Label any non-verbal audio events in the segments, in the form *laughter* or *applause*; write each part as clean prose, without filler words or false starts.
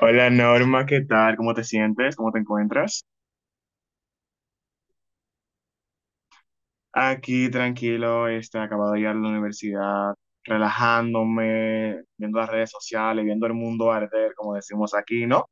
Hola Norma, ¿qué tal? ¿Cómo te sientes? ¿Cómo te encuentras? Aquí tranquilo, acabado de ir a la universidad, relajándome, viendo las redes sociales, viendo el mundo arder, como decimos aquí, ¿no?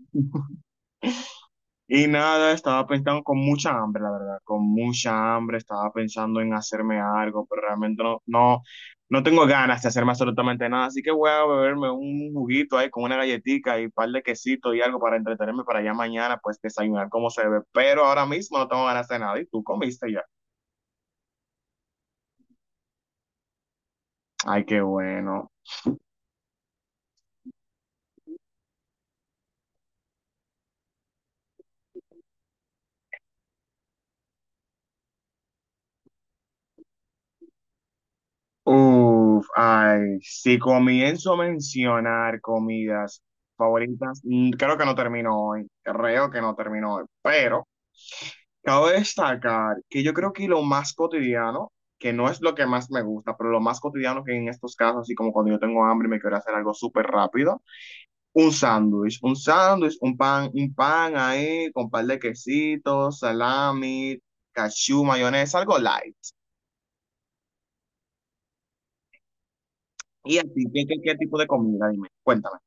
*laughs* Y nada, estaba pensando con mucha hambre, la verdad, con mucha hambre, estaba pensando en hacerme algo, pero realmente no tengo ganas de hacerme absolutamente nada, así que voy a beberme un juguito ahí con una galletita y un par de quesitos y algo para entretenerme para ya mañana, pues desayunar como se debe, pero ahora mismo no tengo ganas de nada, ¿y tú comiste ya? Ay, qué bueno. Uf, ay, si comienzo a mencionar comidas favoritas, creo que no termino hoy, creo que no termino hoy, pero... Cabe destacar que yo creo que lo más cotidiano, que no es lo que más me gusta, pero lo más cotidiano que en estos casos, así como cuando yo tengo hambre y me quiero hacer algo súper rápido, un sándwich, un pan ahí con un par de quesitos, salami, cachú, mayonesa, algo light. ¿Y a ti qué tipo de comida? Dime, cuéntame.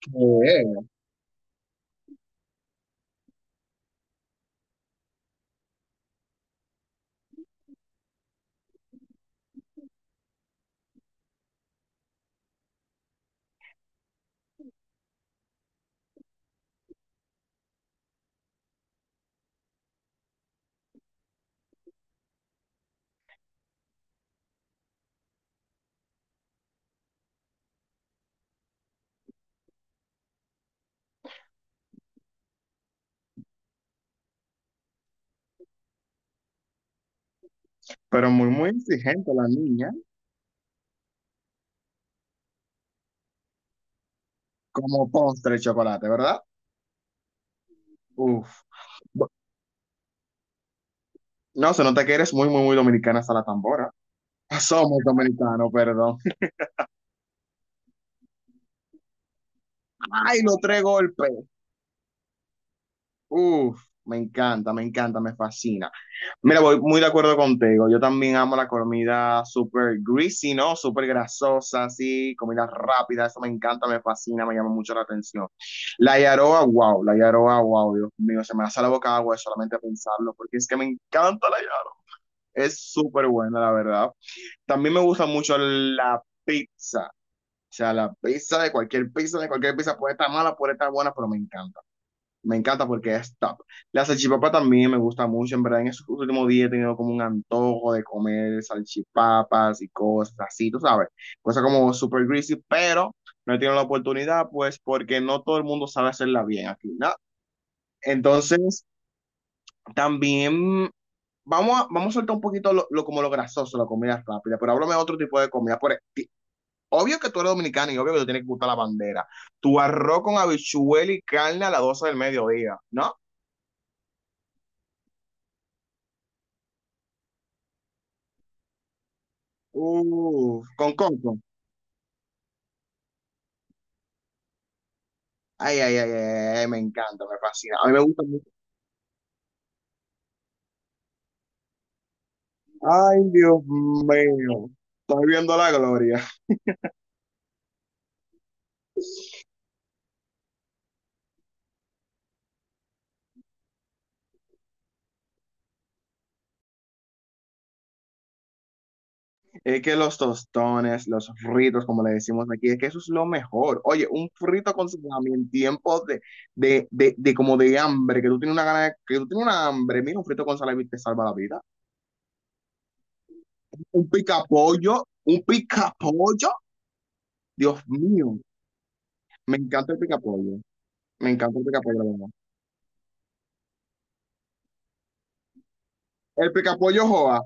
¿Qué? Pero muy, muy exigente la niña, ¿como postre de chocolate, verdad? Uf. No, se nota que eres muy, muy, muy dominicana hasta la tambora. Somos dominicanos, perdón. Ay, los tres golpes. Uf, me encanta, me encanta, me fascina. Mira, voy muy de acuerdo contigo. Yo también amo la comida súper greasy, ¿no? Súper grasosa, así, comida rápida. Eso me encanta, me fascina, me llama mucho la atención. La yaroa, wow, Dios mío, se me hace la boca agua de solamente pensarlo, porque es que me encanta la yaroa. Es súper buena, la verdad. También me gusta mucho la pizza. O sea, la pizza, de cualquier pizza, de cualquier pizza, puede estar mala, puede estar buena, pero me encanta. Me encanta porque es top. La salchipapa también me gusta mucho. En verdad, en esos últimos días he tenido como un antojo de comer salchipapas y cosas así, tú sabes. Cosas como super greasy, pero no he tenido la oportunidad, pues porque no todo el mundo sabe hacerla bien aquí, ¿no? Entonces, también vamos a, vamos a soltar un poquito como lo grasoso, la comida rápida, pero háblame de otro tipo de comida. Por, obvio que tú eres dominicano y obvio que te tiene que gustar la bandera. Tu arroz con habichuela y carne a las 12 del mediodía, ¿no? Uf, con coco. Ay, ay, ay, ay, ay, me encanta, me fascina. A mí me gusta mucho. Ay, Dios mío. Estoy viendo la gloria. Es que los tostones, los fritos, como le decimos aquí, es que eso es lo mejor. Oye, un frito con salami en tiempos de como de hambre, que tú tienes una gana de- que tú tienes una hambre. Mira, un frito con salami te salva la vida. Un picapollo. Dios mío, me encanta el picapollo. Me encanta el picapollo, la verdad. El picapollo Joa,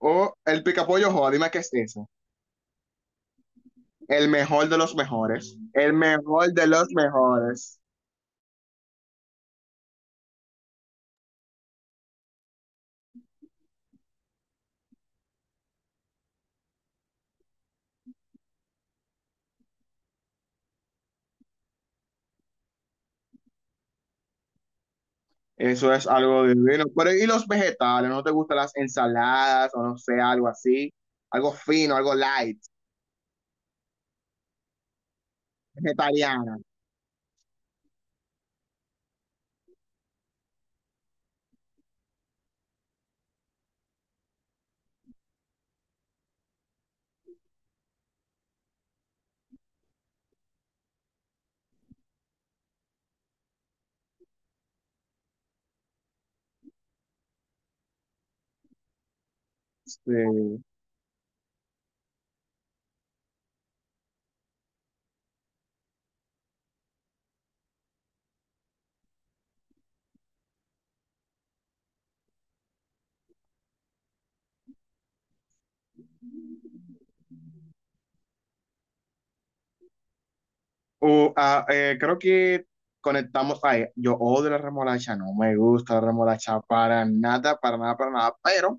el picapollo Joa, dime qué es eso. El mejor de los mejores. El mejor de los mejores. Eso es algo divino. Pero, ¿y los vegetales? ¿No te gustan las ensaladas o no sé, algo así? Algo fino, algo light, vegetariana. Sí. Creo que conectamos. Ay, yo odio la remolacha, no me gusta la remolacha para nada, para nada, para nada. Pero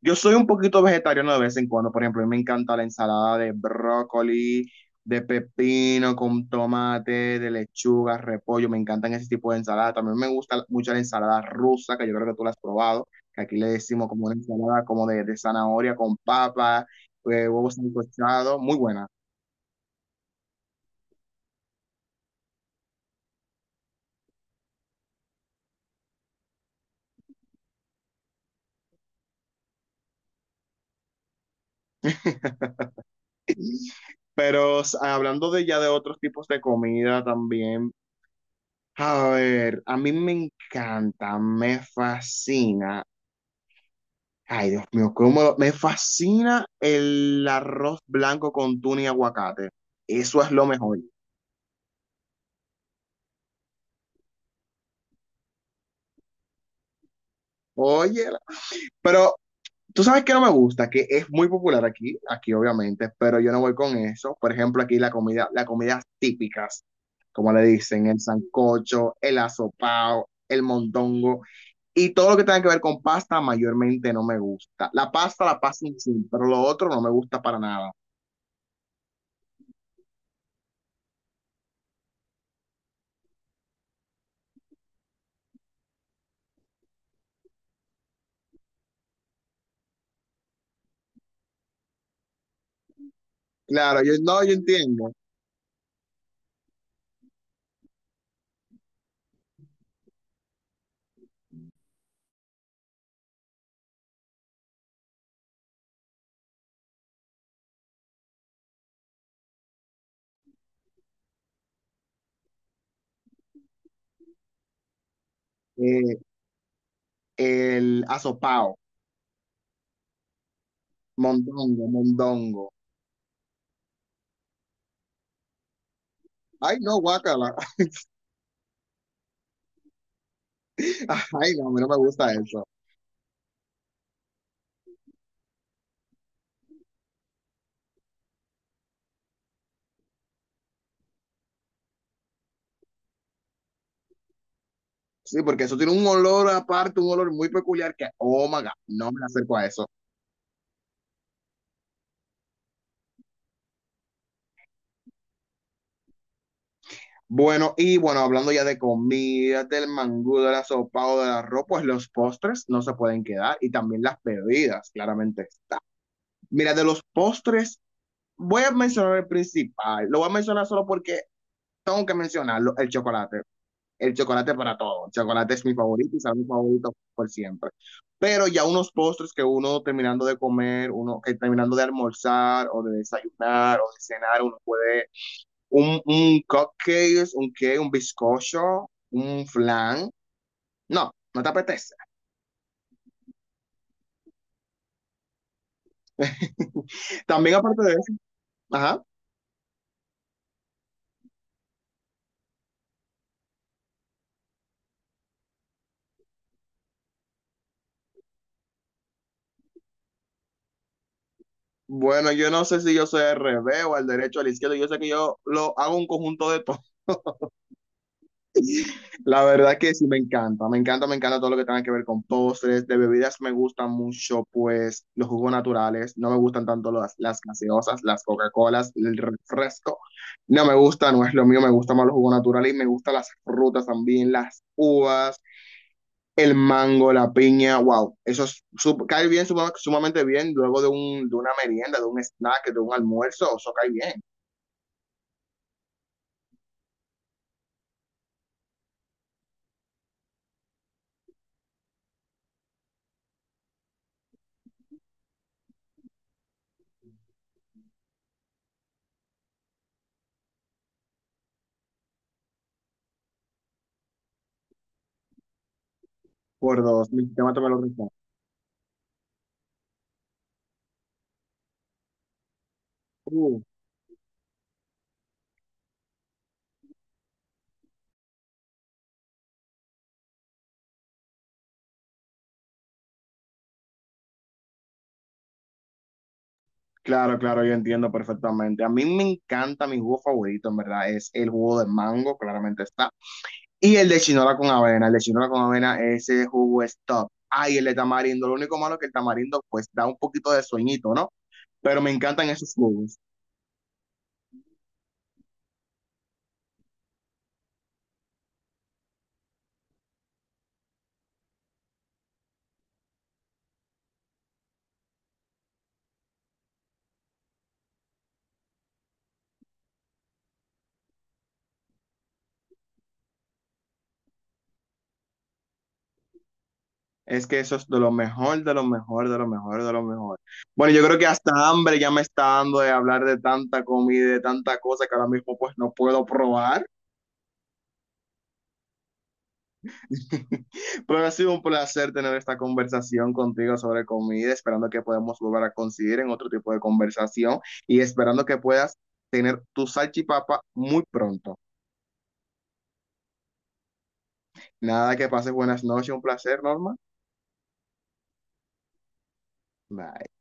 yo soy un poquito vegetariano de vez en cuando. Por ejemplo, a mí me encanta la ensalada de brócoli, de pepino con tomate, de lechuga, repollo. Me encantan ese tipo de ensalada. También me gusta mucho la ensalada rusa, que yo creo que tú la has probado. Que aquí le decimos como una ensalada como de zanahoria con papa, huevos sancochados. Muy buena. Hablando de ya de otros tipos de comida también, a ver, a mí me encanta, me fascina. Ay, Dios mío, me fascina el arroz blanco con tuna y aguacate. Eso es lo mejor. Oye, la- pero tú sabes que no me gusta, que es muy popular aquí, aquí obviamente, pero yo no voy con eso. Por ejemplo, aquí la comida, las comidas típicas, como le dicen, el sancocho, el asopao, el mondongo. Y todo lo que tenga que ver con pasta mayormente no me gusta. La pasta en sí, pero lo otro no me gusta para nada. Claro, yo no, yo entiendo. Eh, el asopao, mondongo. Ay, no, guácala. *laughs* Ay, no, a mí no me gusta eso. Sí, porque eso tiene un olor aparte, un olor muy peculiar que, oh my God, no me acerco a eso. Bueno, y bueno, hablando ya de comida, del mangú, del asopado, del arroz, pues los postres no se pueden quedar y también las bebidas, claramente. Mira, de los postres, voy a mencionar el principal. Lo voy a mencionar solo porque tengo que mencionarlo, el chocolate. El chocolate para todo. El chocolate es mi favorito y será mi favorito por siempre. Pero ya unos postres que uno terminando de comer, uno que terminando de almorzar o de desayunar o de cenar, uno puede un cupcake, un qué, un bizcocho, un flan. No, no te apetece. *laughs* También aparte de eso, ajá. Bueno, yo no sé si yo soy al revés o al derecho o al izquierdo. Yo sé que yo lo hago un conjunto de todo. *laughs* La verdad que sí me encanta. Me encanta, me encanta todo lo que tenga que ver con postres. De bebidas me gustan mucho, pues, los jugos naturales. No me gustan tanto las gaseosas, las Coca-Colas, el refresco. No me gusta, no es lo mío. Me gustan más los jugos naturales y me gustan las frutas también, las uvas, el mango, la piña, wow, cae bien, sumamente bien, luego de una merienda, de un snack, de un almuerzo, eso cae bien. Por dos, mi sistema te me lo rechaza. Uh, claro, claro, yo entiendo perfectamente. A mí me encanta mi jugo favorito, en verdad, es el jugo de mango, claramente está. Y el de chinola con avena, ese jugo es top. Ay, el de tamarindo, lo único malo es que el tamarindo pues da un poquito de sueñito, ¿no? Pero me encantan esos jugos. Es que eso es de lo mejor, de lo mejor, de lo mejor, de lo mejor. Bueno, yo creo que hasta hambre ya me está dando de hablar de tanta comida, de tanta cosa que ahora mismo pues no puedo probar. *laughs* Pero ha sido un placer tener esta conversación contigo sobre comida, esperando que podamos volver a coincidir en otro tipo de conversación y esperando que puedas tener tu salchipapa muy pronto. Nada, que pases buenas noches, un placer, Norma. Bye.